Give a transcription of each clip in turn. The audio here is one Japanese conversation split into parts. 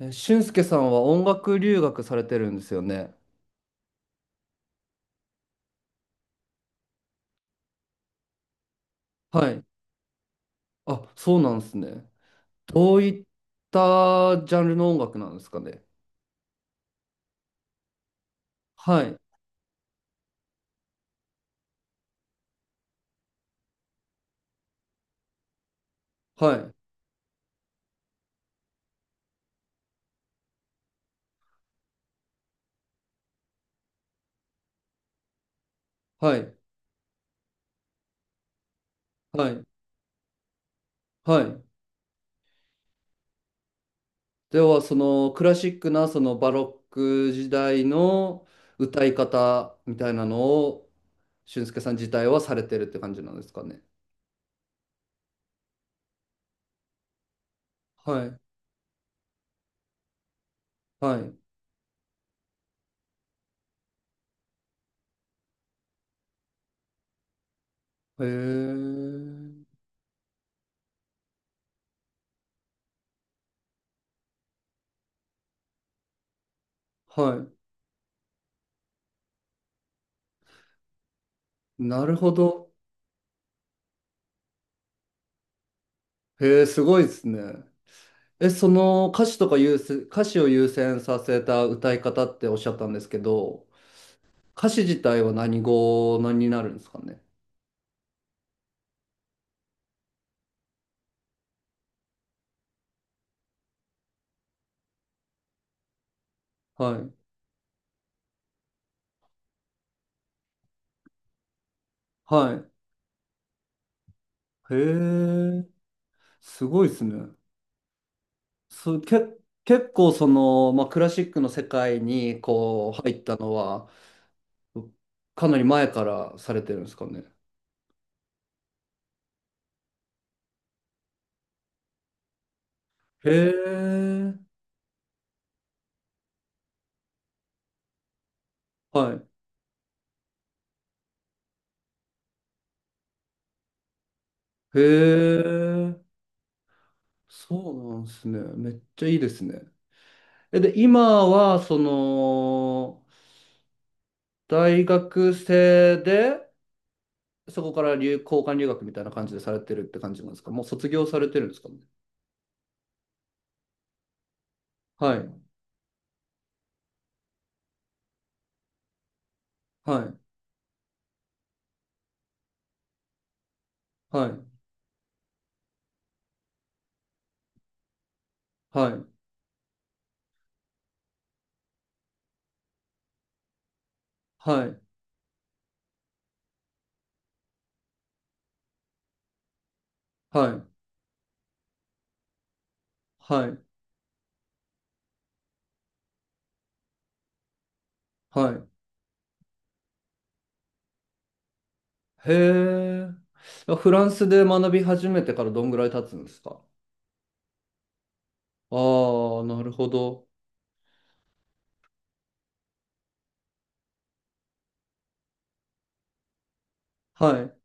え、俊介さんは音楽留学されてるんですよね。はい。あ、そうなんですね。どういったジャンルの音楽なんですかね。はい。はい。はい。はい。はい。では、そのクラシックな、そのバロック時代の歌い方みたいなのを、俊介さん自体はされてるって感じなんですかね。はい。はい。へえ。はい。なるほど。へえ、すごいですね。え、その歌詞とか優先、歌詞を優先させた歌い方っておっしゃったんですけど、歌詞自体は何語になるんですかね。はい。はい。へえ、すごいですね。そう、け、結構その、まあ、クラシックの世界にこう入ったのは、かなり前からされてるんですかね。へえ、はい。へえ、そうなんですね。めっちゃいいですね。え、で、今は、その、大学生で、そこから留、交換留学みたいな感じでされてるって感じなんですか？もう卒業されてるんですかね？はい、はい、はい、はい、はい、はい、はい、はい。へえ。フランスで学び始めてからどんぐらい経つんですか？ああー、なるほど。はい、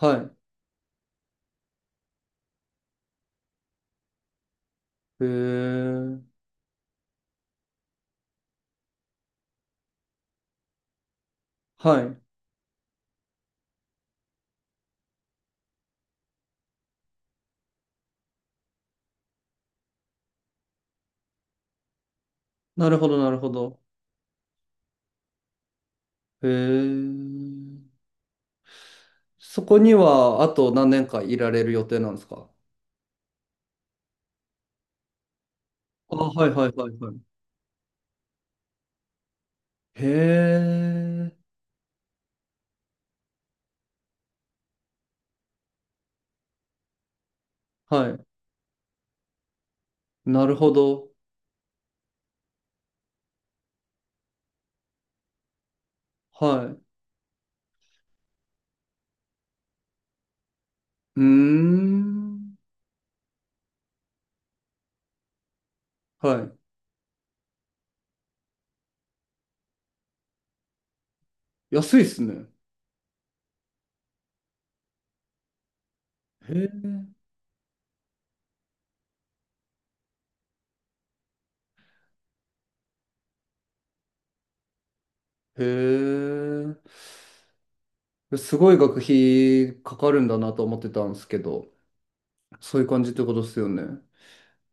はい。へえ。はい。なるほど、なるほど。へえ。そこには、あと何年かいられる予定なんですか？あ、はい、はい、はい、はい。へえ、はい。なるほど。はい。うーん。はい。安いっすね。へえ、へえ。すごい学費かかるんだなと思ってたんですけど、そういう感じってことですよね。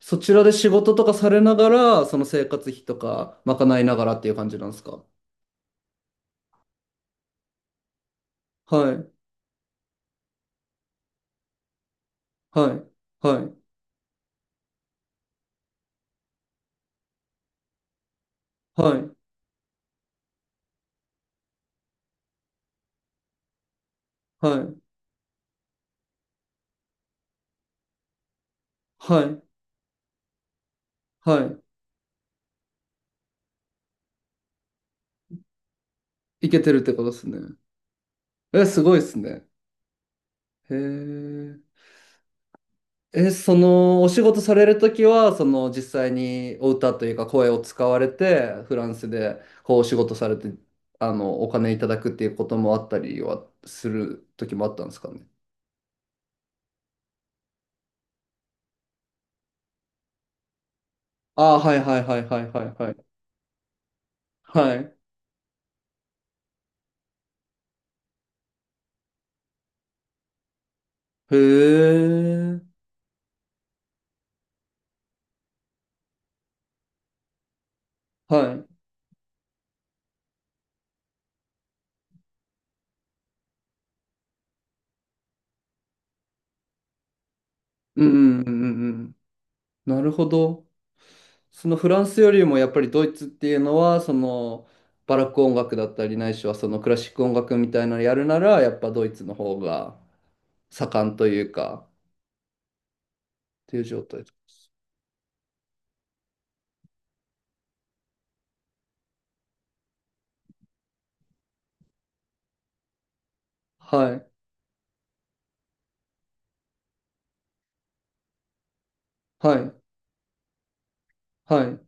そちらで仕事とかされながら、その生活費とか賄いながらっていう感じなんですか？はい。はい。はい。はい。はい。はい。はい。いけてるってことですね。え、すごいっすね。へえ。え、そのお仕事されるときは、その実際にお歌というか声を使われて、フランスでこうお仕事されて、あの、お金いただくっていうこともあったりはするときもあったんですかね。ああ、はいはいはいはいはいはい。はい。へえ。はい。うんうんうんうんうん。なるほど。そのフランスよりもやっぱりドイツっていうのは、そのバラック音楽だったりないしはそのクラシック音楽みたいなのやるなら、やっぱドイツの方が。盛んというか、っていう状態。はい、はい、はい。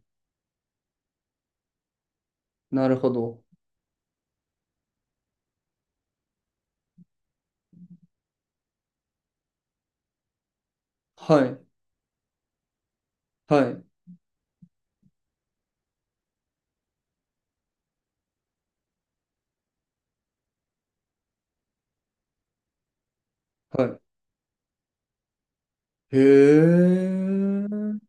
なるほど。はい、はい、はい。へえ、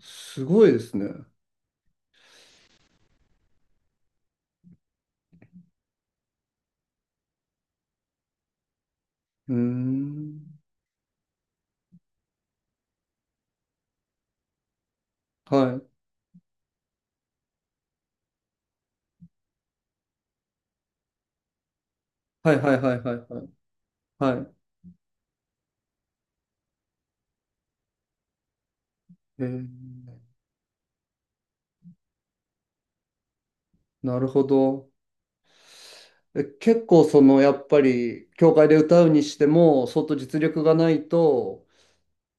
すごいですね。うーん。はい、はい、はい、はい、はい、はい。はい。へえ、なるほど。え、結構その、やっぱり、教会で歌うにしても、相当実力がないと、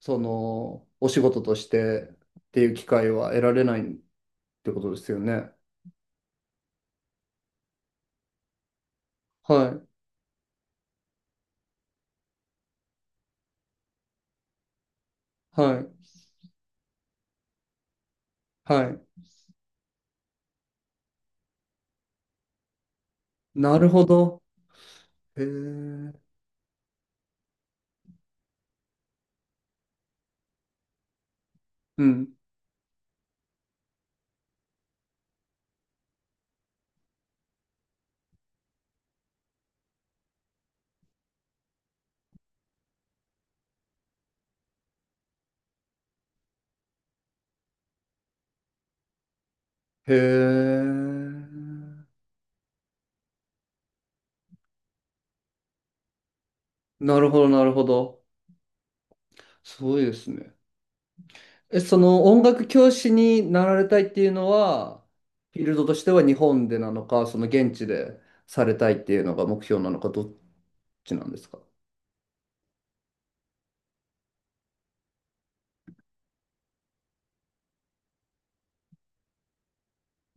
その、お仕事としてっていう機会は得られないってことですよね。はい、はい。はい、なるほど。へえ。うん。へえ。なるほど、なるほど。すごいですね。え、その音楽教師になられたいっていうのは、フィールドとしては日本でなのか、その現地でされたいっていうのが目標なのか、どっちなんですか？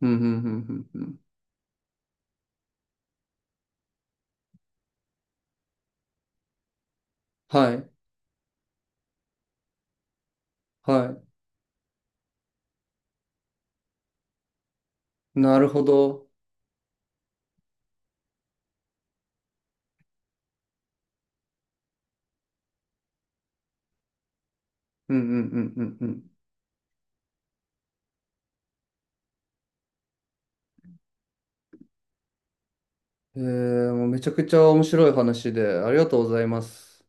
うん、うん、うん、うん。うん、はい、はい。なるほど。うん、うん、うん、うん、うん。えー、もうめちゃくちゃ面白い話で、ありがとうございます。